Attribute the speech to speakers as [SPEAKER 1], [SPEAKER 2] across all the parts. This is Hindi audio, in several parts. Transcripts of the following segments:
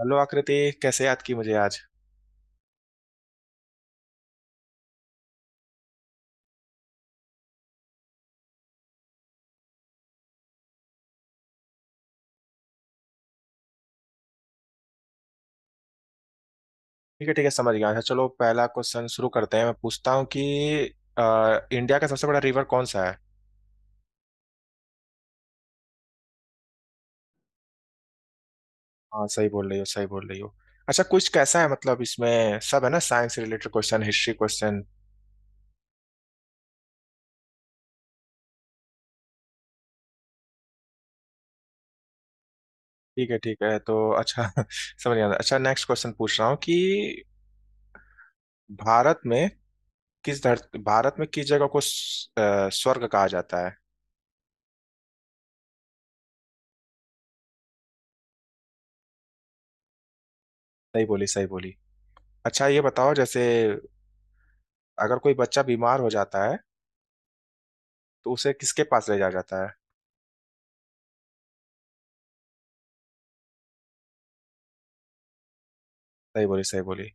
[SPEAKER 1] हेलो आकृति। कैसे याद की मुझे आज? ठीक है, ठीक है, समझ गया। अच्छा, चलो पहला क्वेश्चन शुरू करते हैं। मैं पूछता हूँ कि इंडिया का सबसे बड़ा रिवर कौन सा है? हाँ, सही बोल रही हो, सही बोल रही हो। अच्छा, कुछ कैसा है? मतलब इसमें सब है ना, science related question, history question? ठीक है, ठीक है, तो अच्छा समझ गया। अच्छा, नेक्स्ट क्वेश्चन पूछ रहा हूँ कि भारत में किस जगह को स्वर्ग कहा जाता है? सही बोली, सही बोली। अच्छा, ये बताओ, जैसे अगर कोई बच्चा बीमार हो जाता है तो उसे किसके पास ले जाया जाता है? सही बोली, सही बोली।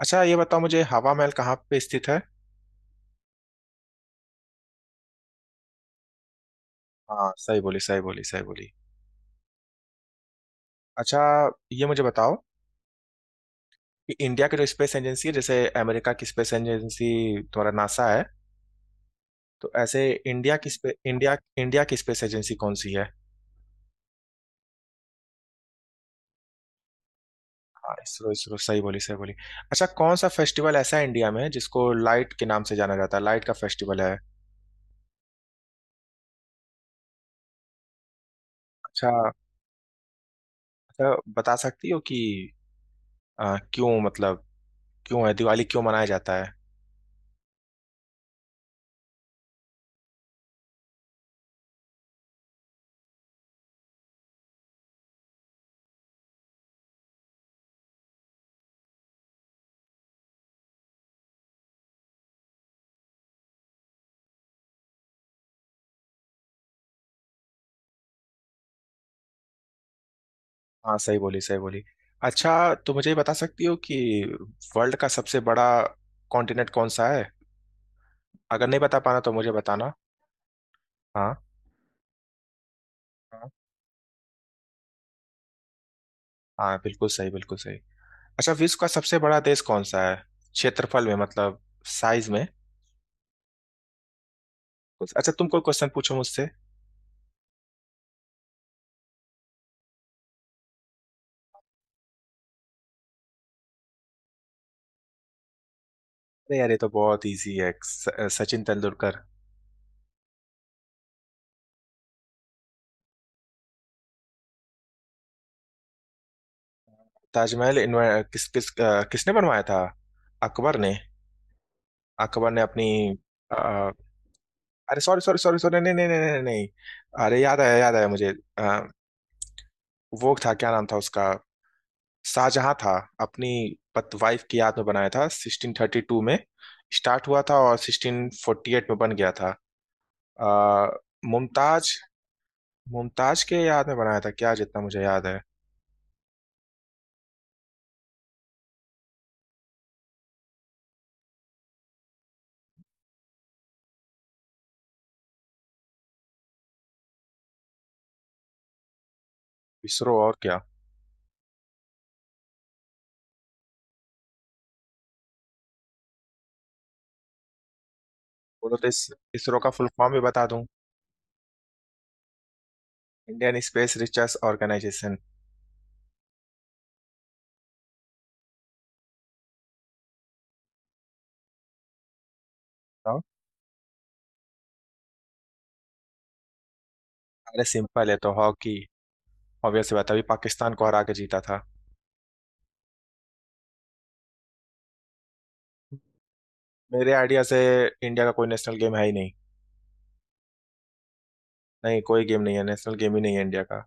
[SPEAKER 1] अच्छा, ये बताओ मुझे, हवा महल कहाँ पे स्थित है? हाँ, सही बोली, सही बोली, सही बोली। अच्छा, ये मुझे बताओ कि इंडिया की जो स्पेस एजेंसी है, जैसे अमेरिका की स्पेस एजेंसी तुम्हारा नासा है, तो ऐसे इंडिया की स्पेस एजेंसी कौन सी है? हाँ, इसरो, इसरो, सही बोली, सही बोली। अच्छा, कौन सा फेस्टिवल ऐसा है इंडिया में जिसको लाइट के नाम से जाना जाता है, लाइट का फेस्टिवल है? अच्छा, अच्छा, बता सकती हो कि क्यों, मतलब क्यों है दिवाली, क्यों मनाया जाता है? हाँ, सही बोली, सही बोली। अच्छा, तो मुझे ये बता सकती हो कि वर्ल्ड का सबसे बड़ा कॉन्टिनेंट कौन सा है? अगर नहीं बता पाना तो मुझे बताना। हाँ। हाँ। हाँ, बिल्कुल सही, बिल्कुल सही। अच्छा, विश्व का सबसे बड़ा देश कौन सा है, क्षेत्रफल में, मतलब साइज में? अच्छा, तुम कोई क्वेश्चन पूछो मुझसे। अरे यार, ये तो बहुत इजी है, सचिन तेंदुलकर। ताजमहल किस किस अ, किसने बनवाया था? अकबर ने। अकबर ने अपनी अ, अरे, सॉरी सॉरी सॉरी सॉरी, नहीं नहीं नहीं नहीं नहीं नहीं। अरे, याद आया, याद आया मुझे। वो, था क्या नाम था उसका? शाहजहां था। अपनी पत वाइफ की याद में बनाया था, 1632 में स्टार्ट हुआ था और 1648 में बन गया था। आ, मुमताज मुमताज के याद में बनाया था क्या, जितना मुझे याद है। इसरो, और क्या? बोलो, तो इस इसरो का फुल फॉर्म भी बता दूं? Indian space research organisation. अरे, सिंपल है, तो हॉकी, ऑब्वियसली। बात है, अभी पाकिस्तान को हरा के जीता था। मेरे आइडिया से इंडिया का कोई नेशनल गेम है ही नहीं। नहीं, कोई गेम नहीं है, नेशनल गेम ही नहीं है इंडिया का।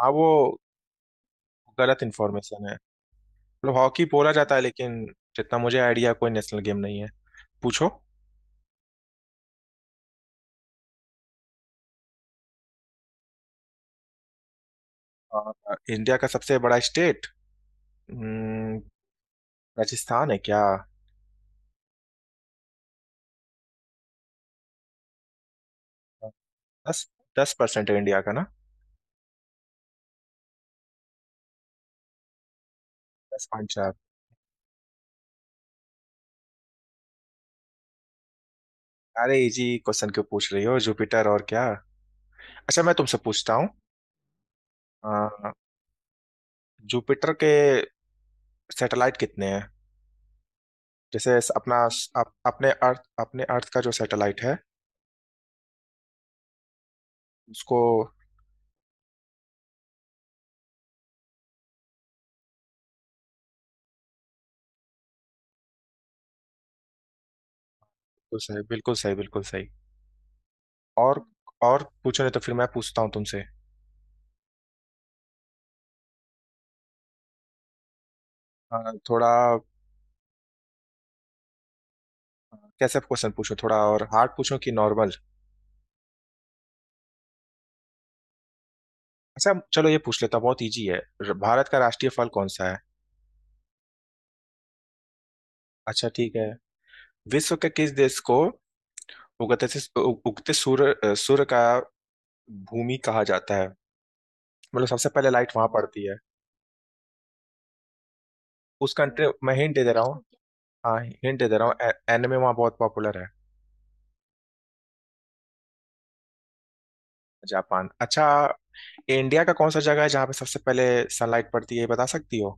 [SPEAKER 1] हाँ, वो गलत इन्फॉर्मेशन है, मतलब हॉकी बोला जाता है, लेकिन जितना मुझे आइडिया, कोई नेशनल गेम नहीं है। पूछो। अ, इंडिया का सबसे बड़ा स्टेट राजस्थान है क्या? दस दस परसेंट है इंडिया का ना, 10.4। अरे, इजी क्वेश्चन क्यों पूछ रही हो, जुपिटर और क्या। अच्छा, मैं तुमसे पूछता हूँ, अ, जुपिटर के सैटेलाइट कितने हैं? जैसे अपने अर्थ का जो सैटेलाइट है, उसको। बिल्कुल सही, बिल्कुल सही, बिल्कुल सही। और और पूछो, नहीं तो फिर मैं पूछता हूँ तुमसे। हाँ, थोड़ा कैसे क्वेश्चन पूछो, थोड़ा और हार्ड पूछो कि नॉर्मल। अच्छा, चलो, ये पूछ लेता हूँ, बहुत इजी है, भारत का राष्ट्रीय फल कौन सा है? अच्छा, ठीक है। विश्व के किस देश को उगते सूर्य का भूमि कहा जाता है, मतलब सबसे पहले लाइट वहां पड़ती है? उस कंट्री मैं हिंट दे दे रहा हूँ। हाँ, हिंट दे दे रहा हूँ, एनिमे वहाँ बहुत पॉपुलर है। जापान, अच्छा। इंडिया का कौन सा जगह है जहाँ पे सबसे पहले सनलाइट पड़ती है, ये बता सकती हो?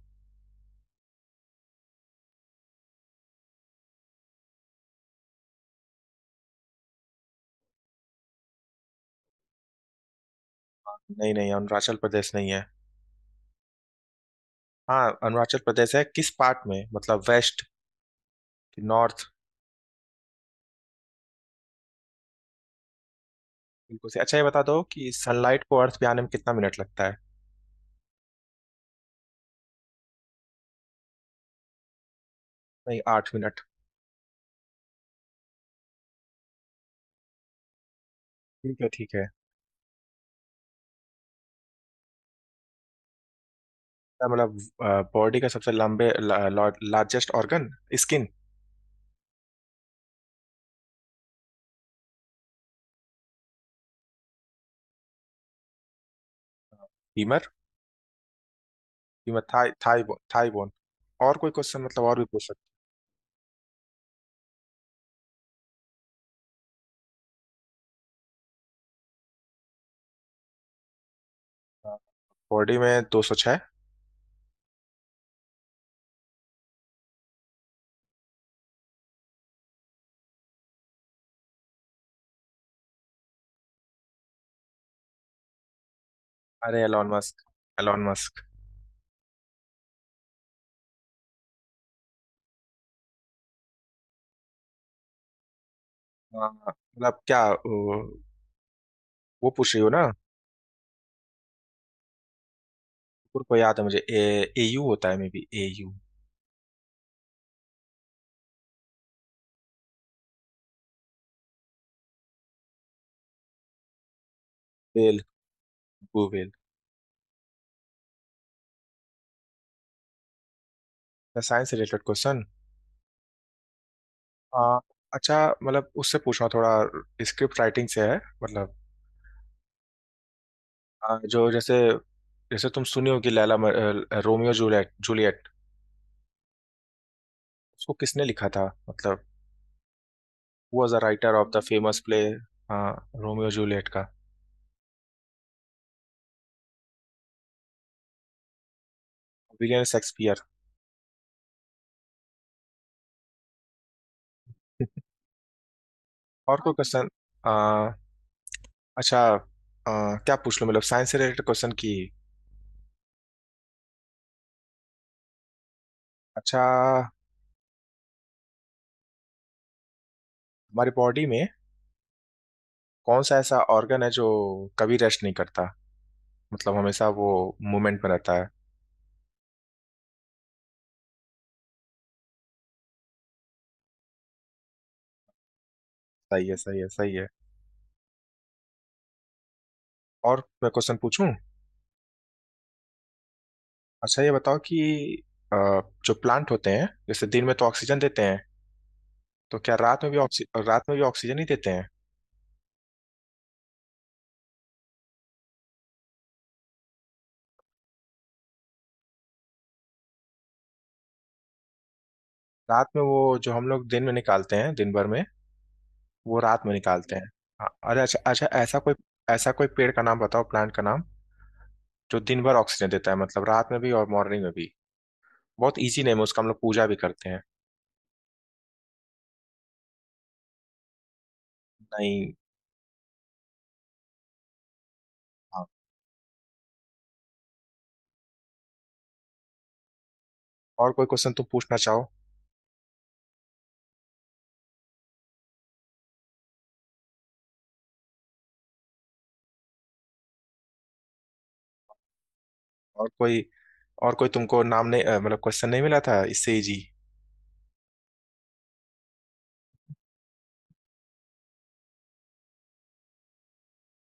[SPEAKER 1] नहीं नहीं, अरुणाचल प्रदेश नहीं है। हाँ, अरुणाचल प्रदेश है किस पार्ट में, मतलब वेस्ट कि नॉर्थ? बिल्कुल से। अच्छा, ये बता दो कि सनलाइट को अर्थ पे आने में कितना मिनट लगता है? नहीं, 8 मिनट। ठीक है, ठीक है। क्या मतलब, बॉडी का सबसे लंबे, largest organ? Skin. Femur femur, thigh thigh thigh bone. और कोई क्वेश्चन, मतलब और भी पूछ सकते हैं। हाँ, बॉडी में 206। अरे, एलॉन मस्क, एलॉन मस्क। हाँ, मतलब क्या, वो पूछ रही हो ना? कुकुर को याद है मुझे, Au होता है, may be Au। Well, blue whale. Science related question. हाँ, अच्छा, मतलब उससे पूछना थोड़ा, स्क्रिप्ट राइटिंग से है मतलब। जो जैसे जैसे तुम सुनी हो कि रोमियो जूलियट जूलियट उसको किसने लिखा था, मतलब who was the writer of the famous play? हाँ, रोमियो जूलियट का विलियम शेक्सपियर। और कोई क्वेश्चन? अच्छा, क्या पूछ लूं, मतलब साइंस से रिलेटेड क्वेश्चन की। अच्छा, हमारी बॉडी में कौन सा ऐसा ऑर्गन है जो कभी रेस्ट नहीं करता, मतलब हमेशा वो मूवमेंट में रहता है? सही है, सही है, सही है। और मैं क्वेश्चन पूछूं? अच्छा, ये बताओ कि अ, जो प्लांट होते हैं, जैसे दिन में तो ऑक्सीजन देते हैं, तो क्या रात में भी ऑक्सीजन ही देते हैं? रात में वो, जो हम लोग दिन में निकालते हैं दिन भर में, वो रात में निकालते हैं। हाँ, अरे, अच्छा, अच्छा, ऐसा कोई पेड़ का नाम बताओ, प्लांट का नाम, जो दिन भर ऑक्सीजन देता है, मतलब रात में भी और मॉर्निंग में भी। बहुत इजी नेम है उसका, हम लोग पूजा भी करते हैं। नहीं। हाँ। और कोई क्वेश्चन तुम पूछना चाहो? और कोई और कोई तुमको नाम नहीं, मतलब क्वेश्चन नहीं मिला था इससे इजी?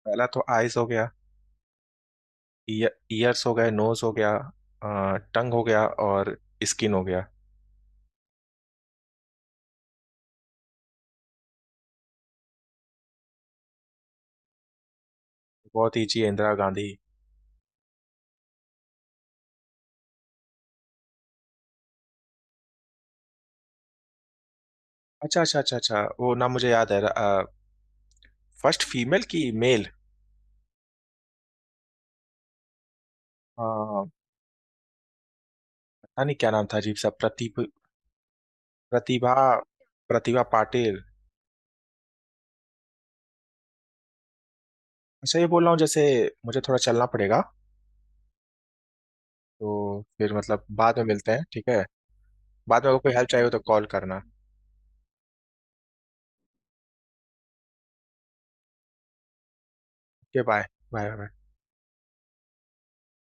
[SPEAKER 1] पहला तो आइस हो गया, ईयर्स हो गए, नोज हो गया, टंग हो गया, और स्किन हो गया। बहुत ईजी है, इंदिरा गांधी। अच्छा, अच्छा, अच्छा, अच्छा, वो नाम मुझे याद है, फर्स्ट फीमेल की, मेल। हाँ, पता नहीं क्या नाम था, अजीब सा, प्रतिभा प्रतिभा पाटिल। अच्छा, ये बोल रहा हूँ, जैसे मुझे थोड़ा चलना पड़ेगा, तो फिर मतलब बाद में मिलते हैं, ठीक है। बाद में अगर कोई हेल्प चाहिए हो तो कॉल करना। Okay, bye. Bye, bye.